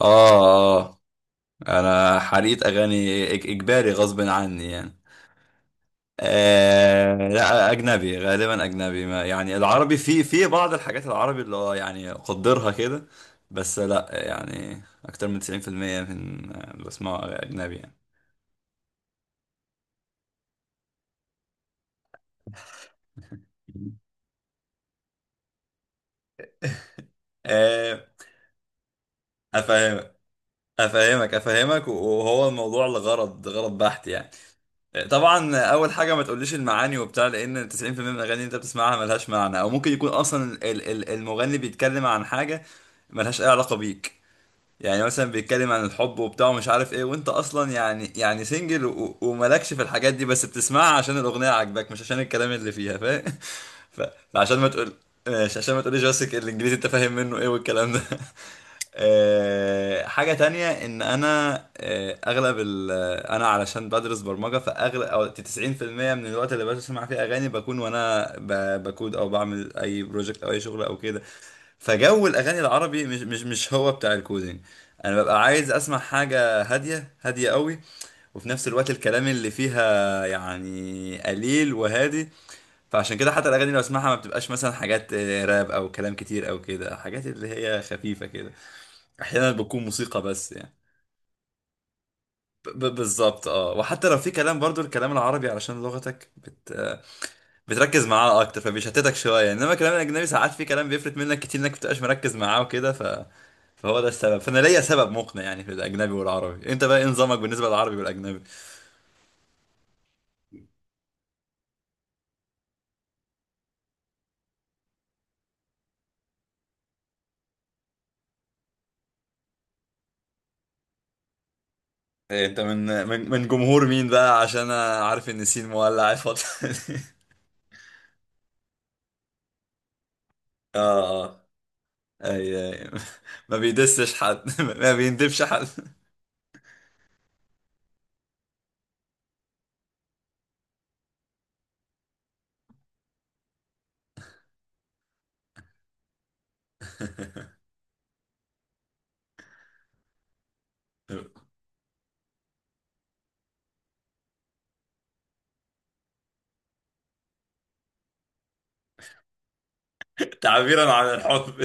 اه، اه. انا حريت اغاني اجباري غصب عني يعني. آه، لا، اجنبي، غالبا اجنبي ما يعني، العربي في بعض الحاجات، العربي اللي هو يعني قدرها كده. بس لا، يعني اكتر من 90% من اللي بسمعه اجنبي يعني. آه، افهمك، افهمك، افهمك. وهو الموضوع لغرض غرض بحت يعني. طبعا، اول حاجه ما تقوليش المعاني وبتاع، لان 90% من الاغاني اللي انت بتسمعها ملهاش معنى، او ممكن يكون اصلا المغني بيتكلم عن حاجه ملهاش اي علاقه بيك. يعني مثلا بيتكلم عن الحب وبتاع ومش عارف ايه، وانت اصلا يعني سنجل وملكش في الحاجات دي، بس بتسمعها عشان الاغنيه عاجباك مش عشان الكلام اللي فيها، فاهم؟ ف- فعشان ما تقول ماشي، عشان ما تقوليش بس الانجليزي انت فاهم منه ايه والكلام ده. حاجة تانية ان انا، اغلب ال آه، انا علشان بدرس برمجة، فاغلب او 90% من الوقت اللي بسمع فيه اغاني بكون وانا بكود او بعمل اي بروجكت او اي شغل او كده. فجو الاغاني العربي مش هو بتاع الكودينج. انا ببقى عايز اسمع حاجة هادية هادية قوي، وفي نفس الوقت الكلام اللي فيها يعني قليل وهادي. فعشان كده حتى الاغاني اللي بسمعها ما بتبقاش مثلا حاجات راب او كلام كتير او كده، حاجات اللي هي خفيفة كده، احيانا بتكون موسيقى بس يعني. بالظبط. اه، وحتى لو في كلام برضو الكلام العربي، علشان لغتك بت... آه، بتركز معاه اكتر فبيشتتك شويه، انما الكلام الاجنبي ساعات في كلام بيفلت منك كتير انك بتبقاش مركز معاه وكده فهو ده السبب. فانا ليا سبب مقنع يعني في الاجنبي والعربي. انت بقى إيه نظامك بالنسبه للعربي والاجنبي؟ انت من جمهور مين بقى، عشان انا عارف ان سين مولع الفتره دي؟ اه، اه، اي، اي. ما بيدسش حد ما بيندبش حد تعبيرا عن الحب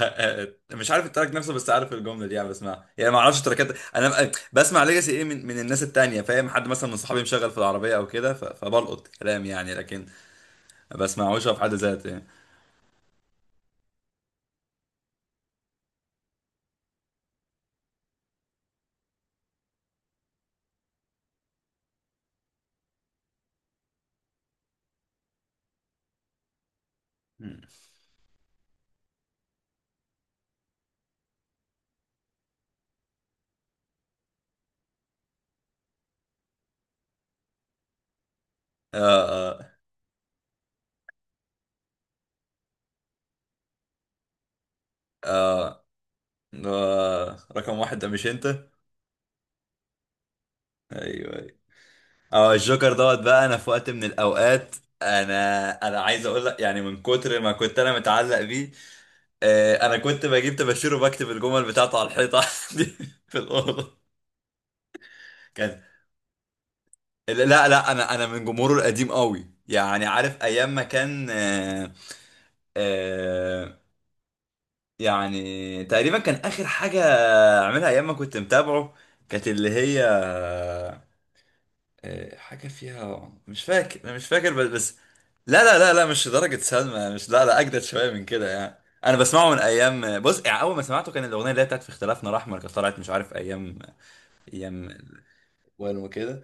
مش عارف التراك نفسه بس عارف الجمله دي، يعني بسمعها يعني، ما اعرفش التراكات. انا بسمع ليجاسي ايه من الناس التانية، فاهم؟ حد مثلا من صحابي مشغل في العربيه او كده، فبلقط كلام يعني، لكن ما بسمعوش في حد ذاته يعني. آه، آه. آه، رقم واحد ده مش انت؟ ايوه، ايوه. اه، الجوكر دوت بقى. انا في وقت من الاوقات، انا عايز اقول لك يعني، من كتر ما كنت انا متعلق بيه، انا كنت بجيب طباشير وبكتب الجمل بتاعته على الحيطه عندي في الاوضه. كان، لا، لا، انا من جمهوره القديم قوي يعني. عارف ايام ما كان، آه، يعني تقريبا كان اخر حاجه عملها ايام ما كنت متابعه، كانت اللي هي حاجه فيها مش فاكر. أنا مش فاكر بس لا، لا، لا، لا، مش درجه سلمى، مش، لا، لا، اجدد شويه من كده يعني. انا بسمعه من ايام، بص يعني، اول ما سمعته كان الاغنيه اللي هي بتاعت في اختلافنا الاحمر، كانت طلعت مش عارف ايام. يم، وين، وكده.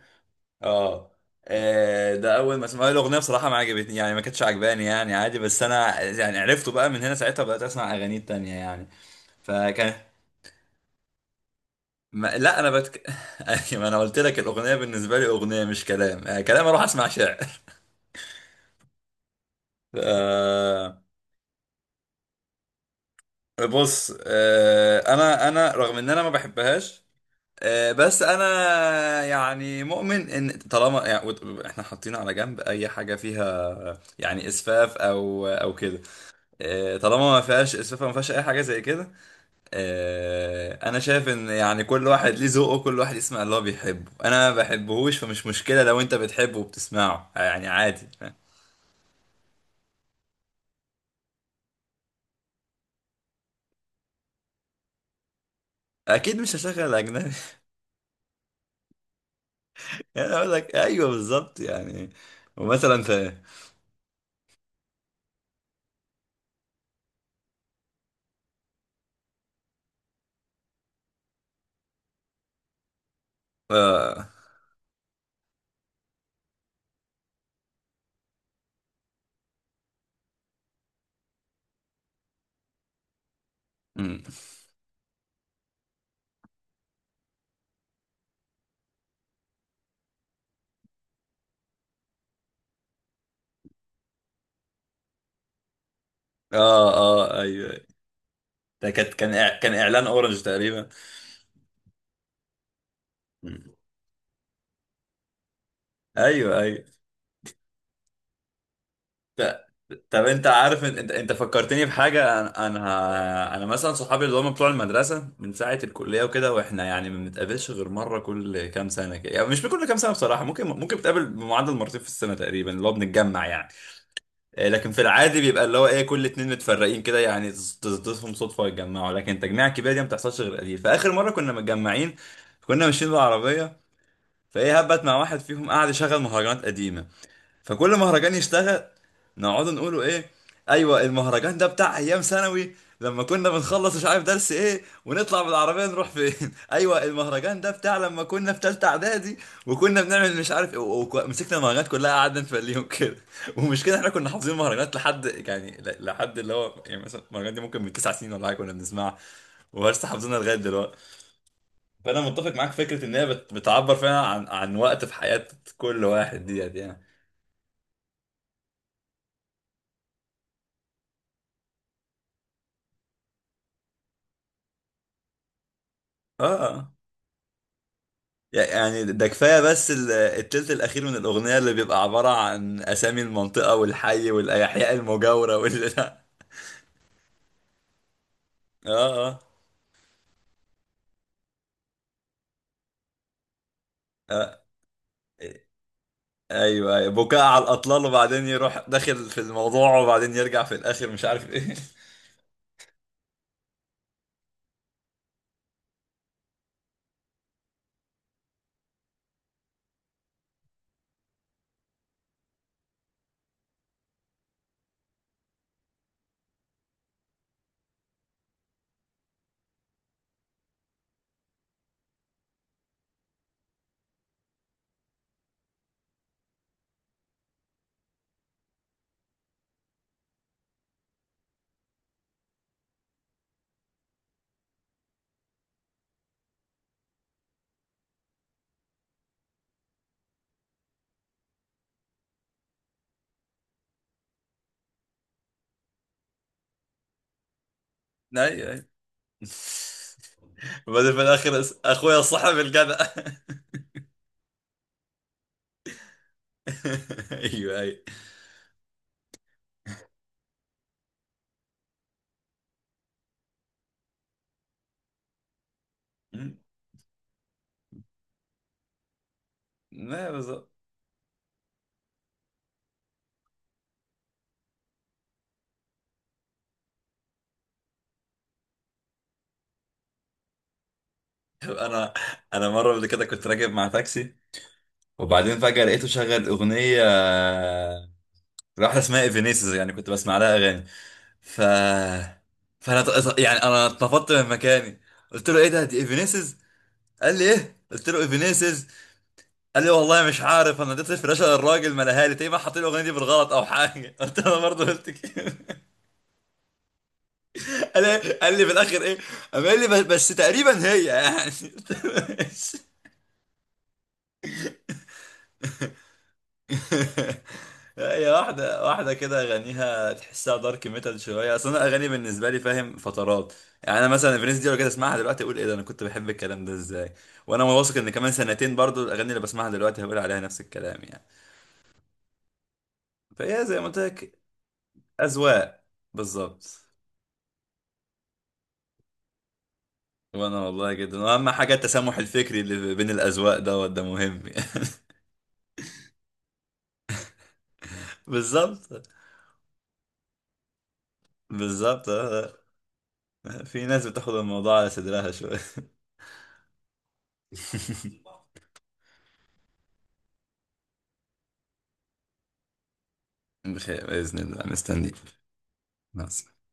اه. ده اول ما سمعت الاغنيه بصراحه ما عجبتني يعني، ما كانتش عجباني يعني، عادي. بس انا يعني عرفته بقى من هنا، ساعتها بدات اسمع اغاني تانية يعني. فكان ما... لا، انا أيوة، ما انا قلت لك الاغنيه بالنسبه لي اغنيه مش كلام. كلام اروح اسمع شعر آه، بص، انا رغم ان انا ما بحبهاش، بس انا يعني مؤمن ان طالما يعني احنا حاطين على جنب اي حاجه فيها يعني اسفاف او كده، طالما ما فيهاش اسفاف أو ما فيهاش اي حاجه زي كده. انا شايف ان يعني كل واحد ليه ذوقه، كل واحد يسمع اللي هو بيحبه، انا ما بحبهوش فمش مشكله لو انت بتحبه وبتسمعه، يعني عادي. اكيد مش هشغل اجنبي انا اقول لك ايوه، بالظبط يعني. ومثلا في، اه. أمم. اه، اه، ايوه، أيوه. ده كان اعلان اورنج تقريبا. مم. ايوه، ايوه. ط- طب انت عارف انت فكرتني بحاجه. انا مثلا صحابي اللي هم بتوع المدرسه من ساعه الكليه وكده، واحنا يعني ما بنتقابلش غير مره كل كام سنه كده، يعني مش كل كام سنه بصراحه، ممكن بتقابل بمعدل مرتين في السنه تقريبا اللي هو بنتجمع يعني. لكن في العادي بيبقى اللي هو ايه كل اتنين متفرقين كده يعني، تصدفهم صدفه يتجمعوا، لكن التجميع الكبيره دي ما بتحصلش غير قليل. فاخر مره كنا متجمعين كنا ماشيين بالعربيه، فايه هبت مع واحد فيهم قاعد يشغل مهرجانات قديمه. فكل مهرجان يشتغل نقعد نقولوا ايه، ايوه المهرجان ده بتاع ايام ثانوي لما كنا بنخلص مش عارف درس ايه ونطلع بالعربيه نروح فين ايوه المهرجان ده بتاع لما كنا في ثالثه اعدادي، وكنا بنعمل مش عارف ايه. ومسكنا المهرجانات كلها قعدنا نفليهم كده ومش كده، احنا كنا حافظين المهرجانات لحد يعني لحد اللي هو يعني مثلا المهرجان دي ممكن من تسع سنين ولا حاجه كنا بنسمعها، ولسه حافظينها لغايه دلوقتي. فانا متفق معاك في فكره ان هي بتعبر فعلا عن وقت في حياه كل واحد ديت يعني. اه، يعني ده كفايه بس التلت الاخير من الاغنيه اللي بيبقى عباره عن اسامي المنطقه والحي والاحياء المجاوره اه. اه. آه، ايوه، أيوة. بكاء على الاطلال، وبعدين يروح داخل في الموضوع، وبعدين يرجع في الاخر مش عارف ايه ايوه، أيوة. وبعدين في الاخر اخويا صاحب الجدع ايوه، ايوه، ما بالظبط. انا انا مره قبل كده كنت راكب مع تاكسي، وبعدين فجاه لقيته شغل اغنيه واحده اسمها ايفينيسز، يعني كنت بسمع لها اغاني. ف فانا يعني انا اتنفضت من مكاني، قلت له ايه ده دي ايفينيسز؟ قال لي ايه؟ قلت له ايفينيسز. قال لي والله مش عارف، انا اديت الفلاشه للراجل ما لها لي، تقريبا حاطين الاغنيه دي بالغلط او حاجه قلت له انا برضه قلت كده. قال لي في الاخر ايه. قام قال لي بس، تقريبا هي يعني هي واحدة واحدة كده، أغانيها تحسها دارك ميتال شوية. أصل أنا أغاني بالنسبة لي فاهم فترات، يعني أنا مثلا فرينز دي لو كده أسمعها دلوقتي أقول إيه ده أنا كنت بحب الكلام ده إزاي. وأنا واثق إن كمان سنتين برضو الأغاني اللي بسمعها دلوقتي هقول عليها نفس الكلام يعني. فهي زي ما قلت لك، أذواق، بالظبط. وأنا والله جدا، وأهم حاجة التسامح الفكري اللي بين الأذواق دوت ده مهم يعني. بالظبط، بالظبط، آه. في ناس بتاخد الموضوع على صدرها شوية بخير بإذن الله، مستنيك، مع السلامة.